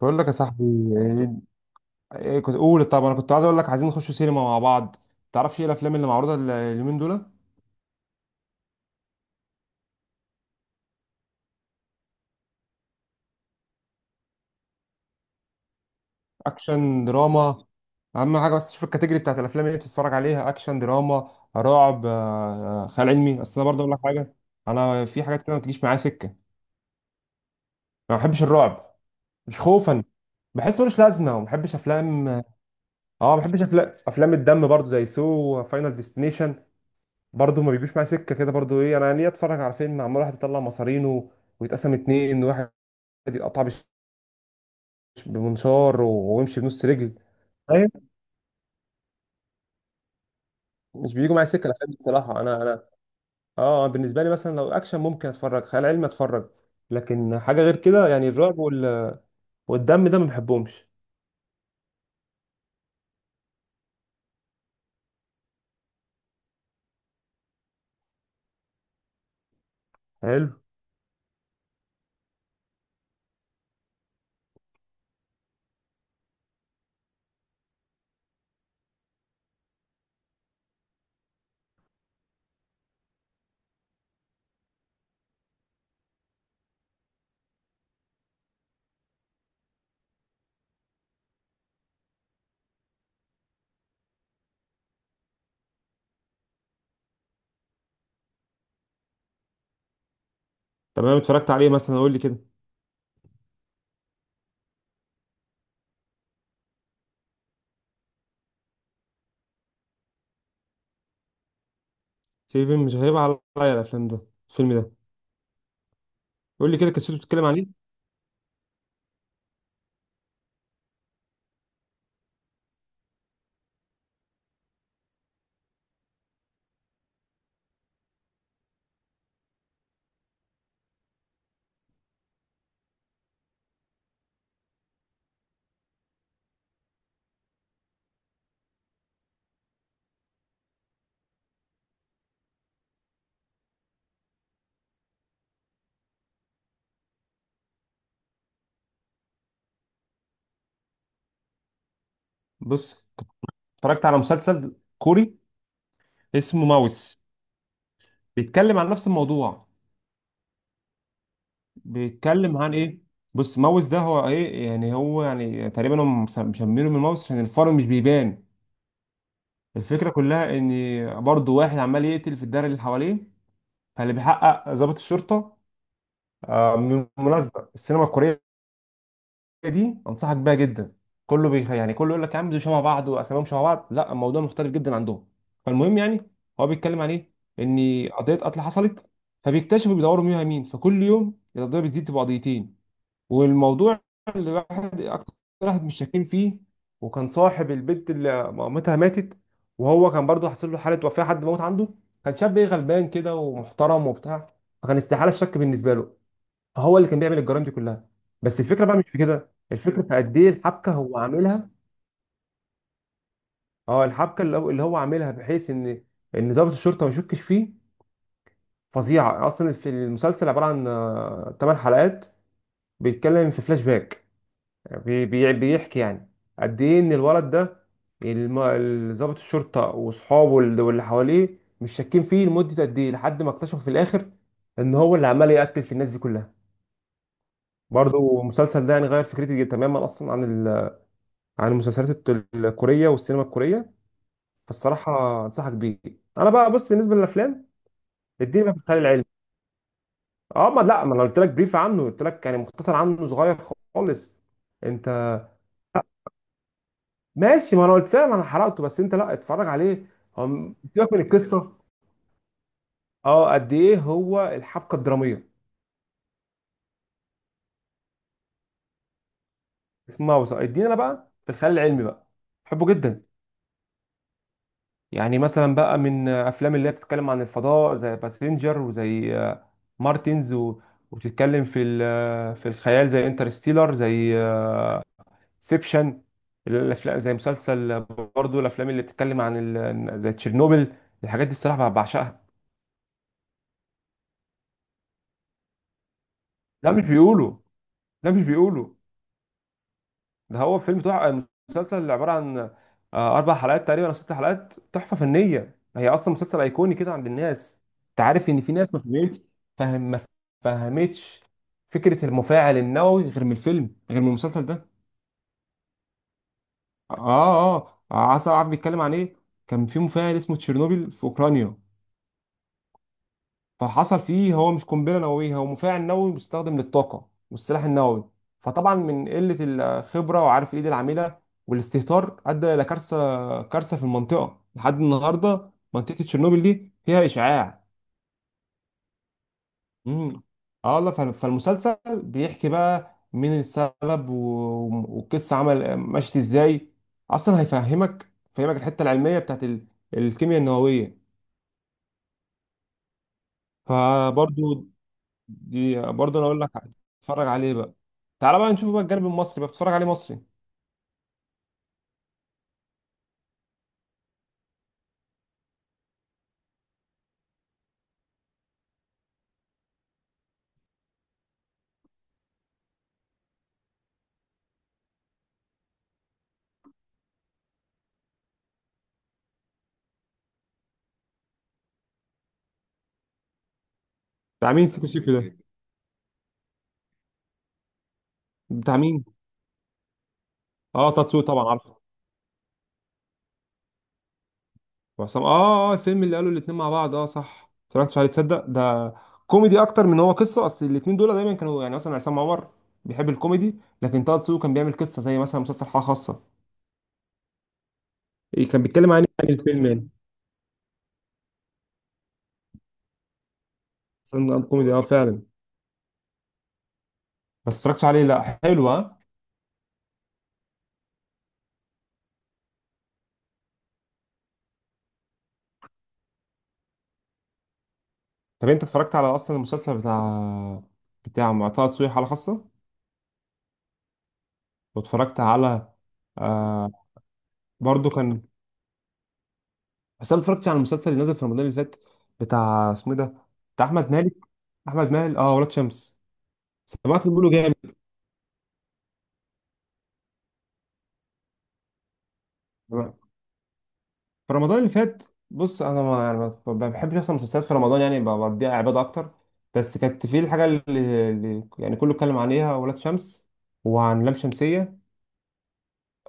بقول لك يا صاحبي. ايه إيه كنت اقول، طب انا كنت عايز اقول لك، عايزين نخش سينما مع بعض. تعرفش ايه الافلام اللي معروضه اليومين دول؟ اكشن دراما. اهم حاجه بس تشوف الكاتيجوري بتاعت الافلام اللي انت بتتفرج عليها، اكشن دراما رعب خيال علمي. اصل انا برضه اقول لك حاجه، انا في حاجات كده ما بتجيش معايا سكه. ما بحبش الرعب، مش خوفا، بحس ملوش لازمه. وما بحبش افلام، اه ما بحبش افلام الدم برضه زي سو وفاينل ديستنيشن، برضه ما بيجوش معايا سكه كده. برضه ايه، انا ليه اتفرج على فيلم عمال واحد يطلع مصارينه ويتقسم اتنين، ان واحد يقطع بمنشار ويمشي بنص رجل؟ ايوه. مش بيجوا معايا سكه الافلام دي بصراحه. انا انا اه بالنسبه لي، مثلا لو اكشن ممكن اتفرج، خيال علمي اتفرج، لكن حاجه غير كده يعني الرعب والدم ده ما بحبهمش. حلو. تمام، اتفرجت عليه؟ مثلا قول لي كده. سيفن مش غريب عليا. الافلام ده الفيلم ده؟ قول لي كده قصته بتتكلم عن ايه. بص، اتفرجت على مسلسل كوري اسمه ماوس، بيتكلم عن نفس الموضوع. بيتكلم عن ايه؟ بص، ماوس ده هو ايه يعني، هو يعني تقريبا هم مسمينه من ماوس عشان الفار مش بيبان. الفكره كلها ان برضه واحد عمال يقتل في الدايره اللي حواليه، فاللي بيحقق ضابط الشرطه. من بالمناسبه السينما الكوريه دي انصحك بيها جدا. يعني كله يقول لك يا عم دول شبه بعض واساميهم شبه بعض، لا الموضوع مختلف جدا عندهم. فالمهم يعني، هو بيتكلم عن ايه؟ ان قضيه قتل حصلت، فبيكتشفوا بيدوروا مين مين، فكل يوم القضيه بتزيد، تبقى قضيتين. والموضوع اللي واحد اكتر، واحد مش شاكين فيه، وكان صاحب البنت اللي مامتها ماتت، وهو كان برضه حصل له حاله، وفاه حد موت عنده. كان شاب ايه، غلبان كده ومحترم وبتاع، فكان استحاله الشك بالنسبه له، فهو اللي كان بيعمل الجرائم دي كلها. بس الفكره بقى مش في كده، الفكره في قد ايه الحبكه هو عاملها. اه الحبكه اللي هو عاملها بحيث ان ضابط الشرطه ما يشكش فيه. فظيعه اصلا. في المسلسل عباره عن 8 حلقات، بيتكلم في فلاش باك. بيحكي يعني قد ايه ان الولد ده، ضابط الشرطه واصحابه واللي حواليه مش شاكين فيه لمده قد ايه، لحد ما اكتشفوا في الاخر ان هو اللي عمال يقتل في الناس دي كلها. برضو المسلسل ده يعني غير فكرتي تماما اصلا عن عن المسلسلات الكوريه والسينما الكوريه. فالصراحه انصحك بيه. انا بقى، بص، بالنسبه للافلام. اديني بقى في الخيال العلمي. اه ما لا، ما انا قلت لك بريف عنه، قلت لك يعني مختصر عنه صغير خالص. انت ماشي، ما انا قلت لها، ما انا حرقته، بس انت لا اتفرج عليه. هو سيبك من القصه، اه قد ايه هو الحبكه الدراميه. اسمها وثائقي. ادينا انا بقى في الخيال العلمي بقى، بحبه جدا. يعني مثلا بقى من افلام اللي هي بتتكلم عن الفضاء زي باسنجر وزي مارتنز وبتتكلم في ال... آه، في الخيال زي انترستيلر زي سيبشن. الافلام زي مسلسل، برضو الافلام اللي بتتكلم عن زي تشيرنوبل، الحاجات دي الصراحه بعشقها. لا مش بيقولوا، لا مش بيقولوا، ده هو فيلم تحفة. مسلسل اللي عبارة عن أربع حلقات تقريبا أو ست حلقات، تحفة فنية، هي أصلا مسلسل أيقوني كده عند الناس. أنت عارف إن في ناس ما فهمتش، ما فهمتش فكرة المفاعل النووي غير من الفيلم، غير من المسلسل ده. آه عسل. عارف بيتكلم عن إيه؟ كان في مفاعل اسمه تشيرنوبيل في أوكرانيا، فحصل فيه، هو مش قنبله نوويه، هو مفاعل نووي مستخدم للطاقه والسلاح النووي. فطبعا من قله الخبره، وعارف الايد العامله والاستهتار، ادى الى كارثه، كارثه في المنطقه لحد النهارده. منطقه تشيرنوبل دي فيها اشعاع. امم اه والله، فالمسلسل بيحكي بقى مين السبب والقصه عمل مشت ازاي. اصلا هيفهمك، فهمك الحته العلميه بتاعت الكيمياء النوويه. فبرضو دي برضه انا اقول لك، اتفرج عليه بقى. تعالى بقى نشوف بقى الجانب المصري بقى، بتتفرج عليه مصري. بتاع مين سيكو سيكو ده؟ بتاع مين؟ اه تاتسو طبعا عارفه. وعصام، الفيلم اللي قالوا الاتنين مع بعض، اه صح. اتفرجتش عليه، تصدق؟ ده كوميدي اكتر من هو قصه، اصل الاتنين دول دايما كانوا، يعني مثلا عصام عمر بيحب الكوميدي، لكن طه دسوقي كان بيعمل قصه زي مثلا مسلسل حاله خاصه. إيه كان بيتكلم عن ايه يعني الفيلم يعني؟ مثلا كوميدي فعلا؟ بس اتفرجتش عليه، لا حلو ها. طب انت اتفرجت على اصلا المسلسل بتاع مع طه دسوقي، حاله خاصه؟ واتفرجت على آه برضو كان. بس انا اتفرجت على المسلسل اللي نزل في رمضان اللي فات، بتاع اسمه إيه ده، بتاع احمد مالك ولاد شمس. سمعت إن بيقولوا جامد. في رمضان اللي فات، بص، انا ما يعني ما بحبش اصلا المسلسلات في رمضان، يعني بقضيها عباده اكتر. بس كانت في الحاجه اللي يعني كله اتكلم عليها، ولاد شمس وعن لام شمسيه.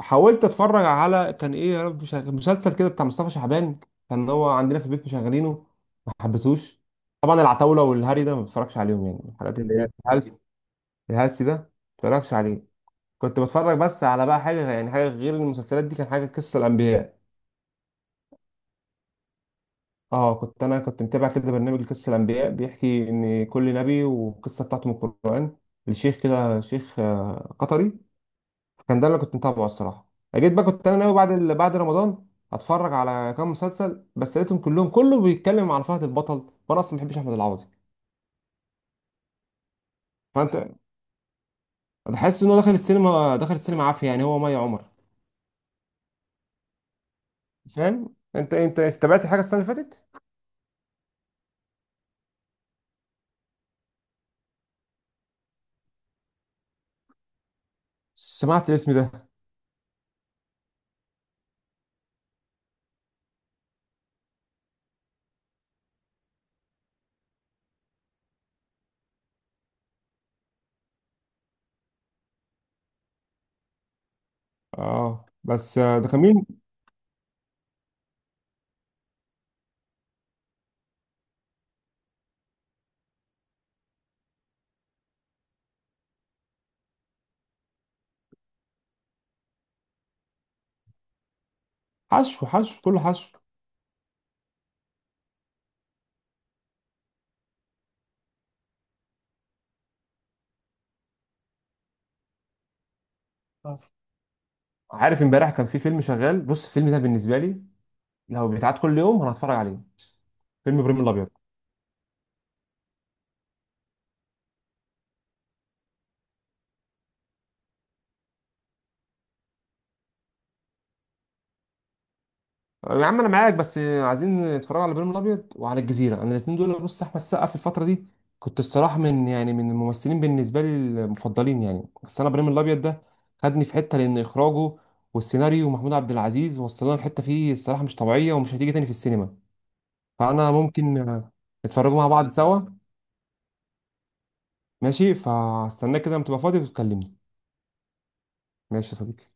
حاولت اتفرج على، كان ايه يا رب، مسلسل كده بتاع مصطفى شعبان، كان هو عندنا في البيت مشغلينه، ما حبيتهوش. طبعا العتاوله والهري ده ما بتفرجش عليهم، يعني الحلقات اللي هي الهلس، الهلس ده ما بتفرجش عليه. كنت بتفرج بس على بقى حاجه يعني، حاجه غير المسلسلات دي، كان حاجه قصه الانبياء. اه كنت، انا كنت متابع كده برنامج قصه الانبياء، بيحكي ان كل نبي والقصه بتاعته من القران، الشيخ كده، شيخ قطري. كان ده اللي كنت متابعه الصراحه. جيت بقى، كنت انا ناوي بعد بعد رمضان اتفرج على كام مسلسل، بس لقيتهم كلهم كله بيتكلم عن فهد البطل، وانا اصلا ما بحبش احمد العوضي. فانت تحس ان هو دخل السينما، دخل السينما عافيه، يعني هو مي عمر. فاهم؟ انت تابعت حاجه السنه اللي فاتت؟ سمعت الاسم ده. اه بس ده كان مين؟ حشو، حشو، كله حشو. آه. عارف امبارح كان في فيلم شغال؟ بص، الفيلم ده بالنسبه لي لو بيتعاد كل يوم انا هتفرج عليه، فيلم ابراهيم الابيض. يا عم انا معاك، بس عايزين نتفرج على ابراهيم الابيض وعلى الجزيره، انا الاثنين دول. بص، احمد السقا في الفتره دي كنت الصراحه من الممثلين بالنسبه لي المفضلين يعني. بس انا ابراهيم الابيض ده خدني في حته، لان اخراجه والسيناريو ومحمود عبد العزيز وصلنا لحته فيه الصراحه مش طبيعيه، ومش هتيجي تاني في السينما. فانا ممكن نتفرجوا مع بعض سوا. ماشي، فاستناك كده لما تبقى فاضي وتكلمني. ماشي يا صديقي.